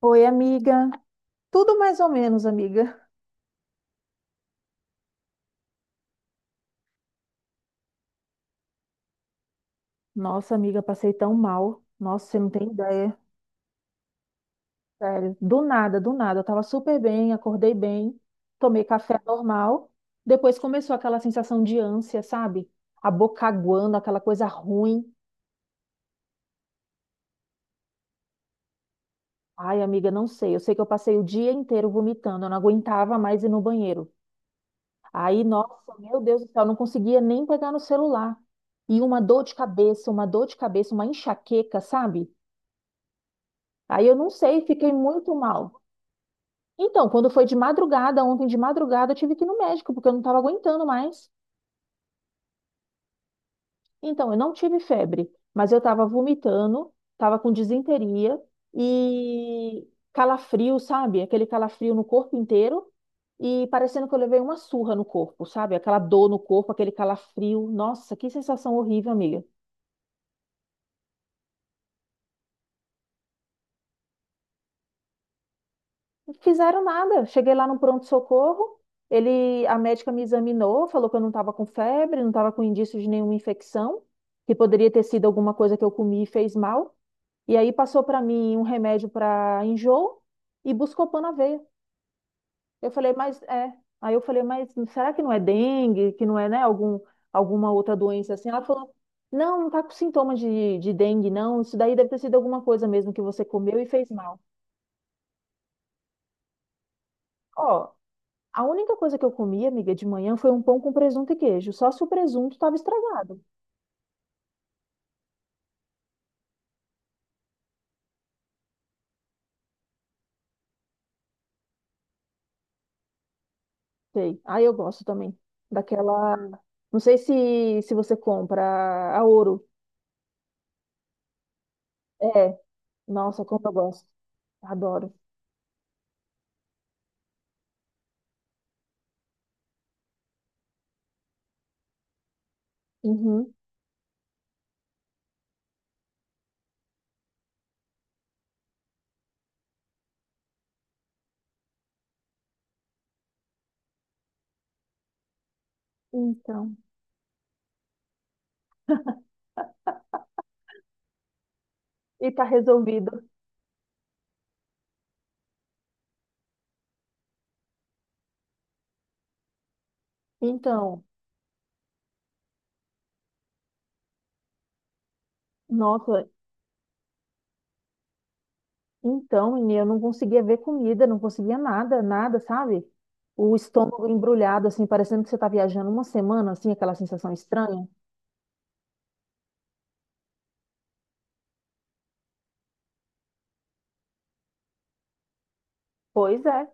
Oi, amiga. Tudo mais ou menos, amiga. Nossa, amiga, passei tão mal. Nossa, você não tem ideia. Sério. Do nada, do nada. Eu tava super bem, acordei bem, tomei café normal. Depois começou aquela sensação de ânsia, sabe? A boca aguando, aquela coisa ruim. Ai, amiga, não sei. Eu sei que eu passei o dia inteiro vomitando. Eu não aguentava mais ir no banheiro. Aí, nossa, meu Deus do céu, eu não conseguia nem pegar no celular. E uma dor de cabeça, uma dor de cabeça, uma enxaqueca, sabe? Aí eu não sei, fiquei muito mal. Então, quando foi de madrugada, ontem de madrugada, eu tive que ir no médico, porque eu não estava aguentando mais. Então, eu não tive febre, mas eu estava vomitando, estava com disenteria e calafrio, sabe? Aquele calafrio no corpo inteiro e parecendo que eu levei uma surra no corpo, sabe? Aquela dor no corpo, aquele calafrio. Nossa, que sensação horrível, amiga. Não fizeram nada. Cheguei lá no pronto-socorro, ele, a médica me examinou, falou que eu não estava com febre, não estava com indício de nenhuma infecção, que poderia ter sido alguma coisa que eu comi e fez mal. E aí passou para mim um remédio para enjoo e Buscopan na veia. Eu falei, mas é. Aí eu falei, mas será que não é dengue, que não é, né, algum, alguma outra doença assim? Ela falou, não, não tá com sintoma de dengue, não. Isso daí deve ter sido alguma coisa mesmo que você comeu e fez mal. Ó, a única coisa que eu comi, amiga, de manhã foi um pão com presunto e queijo, só se o presunto estava estragado. Sei. Ah, eu gosto também daquela. Não sei se você compra a Ouro. É, nossa, como eu gosto. Adoro. Uhum. Então. E tá resolvido. Então, nossa, então, menina, eu não conseguia ver comida, não conseguia nada, nada, sabe? O estômago embrulhado, assim, parecendo que você tá viajando uma semana, assim, aquela sensação estranha. Pois é.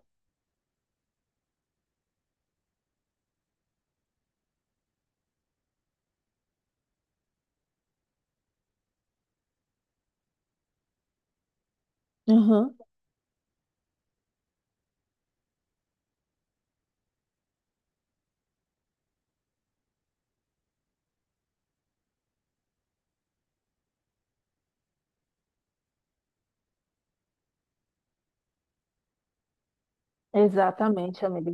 Uhum. Exatamente, amiga.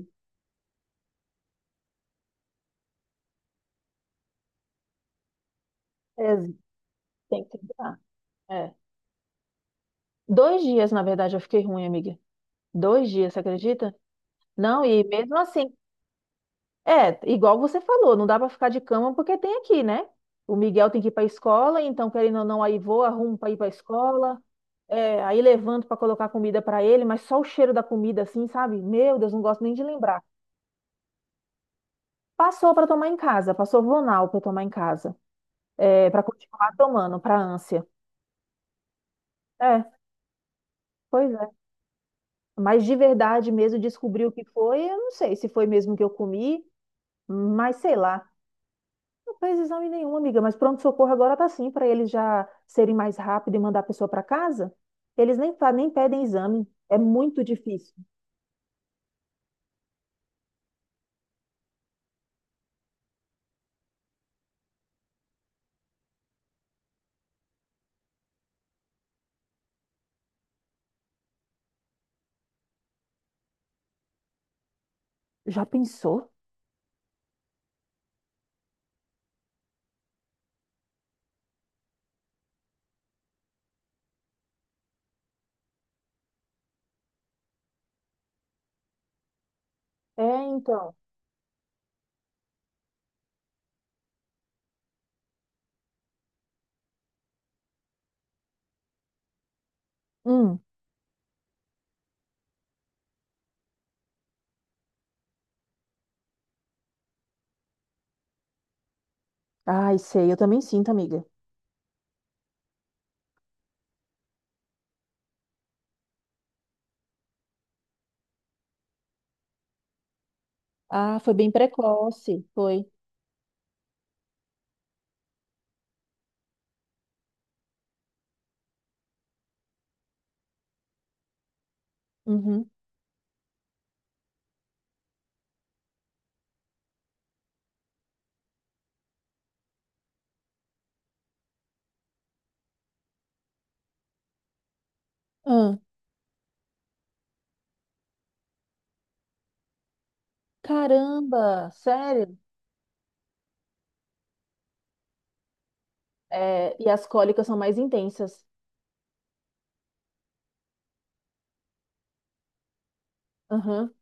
Ex- Tem que dar. É. Dois dias, na verdade, eu fiquei ruim, amiga. Dois dias, você acredita? Não, e mesmo assim, é, igual você falou, não dá pra ficar de cama porque tem aqui, né? O Miguel tem que ir pra escola, então, querendo ou não, aí vou, arrumo pra ir pra escola. É, aí levanto pra colocar comida pra ele, mas só o cheiro da comida, assim, sabe? Meu Deus, não gosto nem de lembrar. Passou pra tomar em casa, passou Vonal pra tomar em casa, é, para continuar tomando, pra ânsia. É, pois é. Mas de verdade mesmo descobrir o que foi, eu não sei se foi mesmo que eu comi, mas sei lá. Não fez exame nenhum, amiga, mas pronto-socorro agora tá assim para eles já serem mais rápido e mandar a pessoa para casa. Eles nem, nem pedem exame. É muito difícil. Já pensou? É, então. Hum. Ai, sei, eu também sinto, amiga. Ah, foi bem precoce. Foi. Uhum. Ah, caramba, sério? É, e as cólicas são mais intensas. Aham.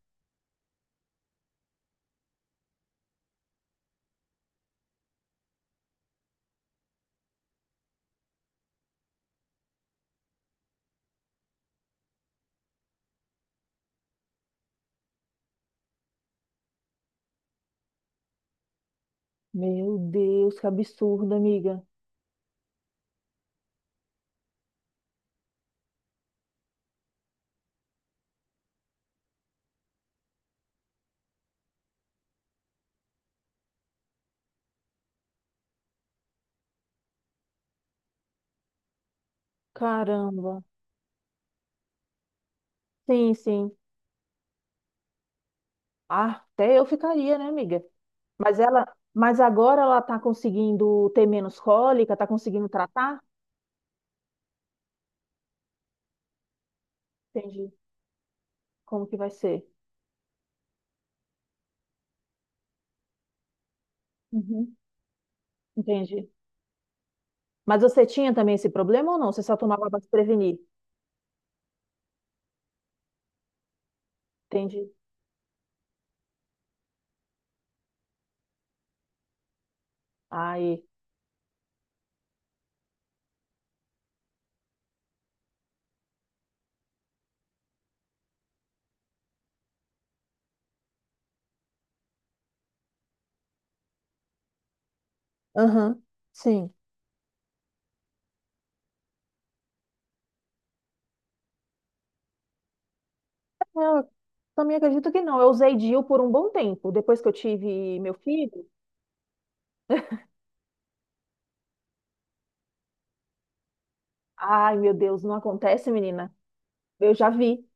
Meu Deus, que absurdo, amiga. Caramba. Sim, sim. Ah, até eu ficaria, né, amiga? Mas ela, mas agora ela tá conseguindo ter menos cólica, tá conseguindo tratar? Entendi. Como que vai ser? Uhum. Entendi. Mas você tinha também esse problema ou não? Você só tomava para se prevenir? Entendi. Aí. Aham. Sim. Eu também acredito que não. Eu usei DIU por um bom tempo. Depois que eu tive meu filho, ai, meu Deus, não acontece, menina. Eu já vi.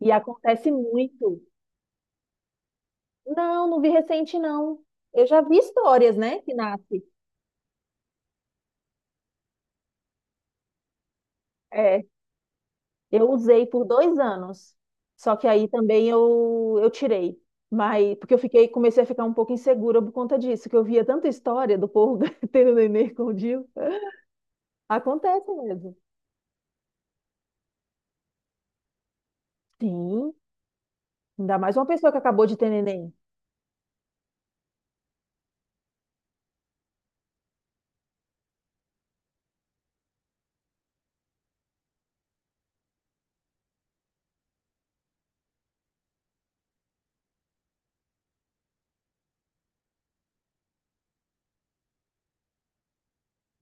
E acontece muito. Não, não vi recente, não. Eu já vi histórias, né, que nasce. É, eu usei por dois anos. Só que aí também eu tirei. Mas, porque eu fiquei, comecei a ficar um pouco insegura por conta disso, que eu via tanta história do povo tendo neném escondido. Acontece mesmo. Sim, ainda mais uma pessoa que acabou de ter neném.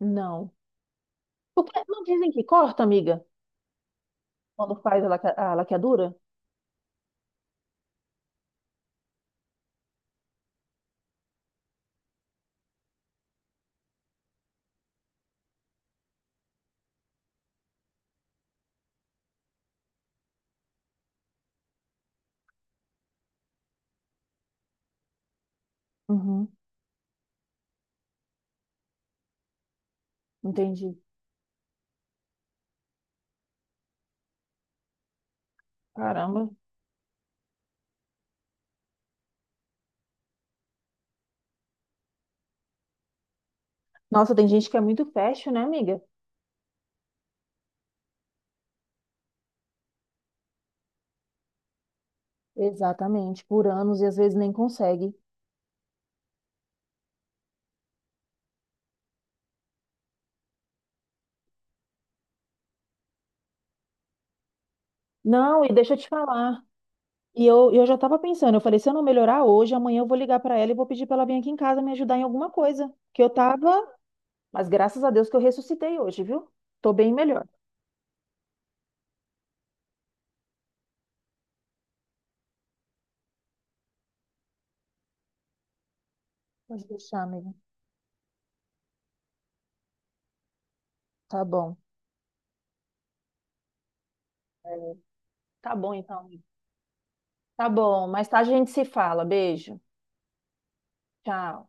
Não. Porque não dizem que corta, amiga, quando faz a a laqueadura? Uhum, entendi. Caramba. Nossa, tem gente que é muito fashion, né, amiga? Exatamente, por anos e às vezes nem consegue. Não, e deixa eu te falar. E eu já estava pensando, eu falei, se eu não melhorar hoje, amanhã eu vou ligar para ela e vou pedir para ela vir aqui em casa me ajudar em alguma coisa. Que eu tava, mas graças a Deus que eu ressuscitei hoje, viu? Tô bem melhor. Pode deixar, amigo. Tá bom. Tá bom, então. Amigo. Tá bom, mais tarde a gente se fala. Beijo. Tchau.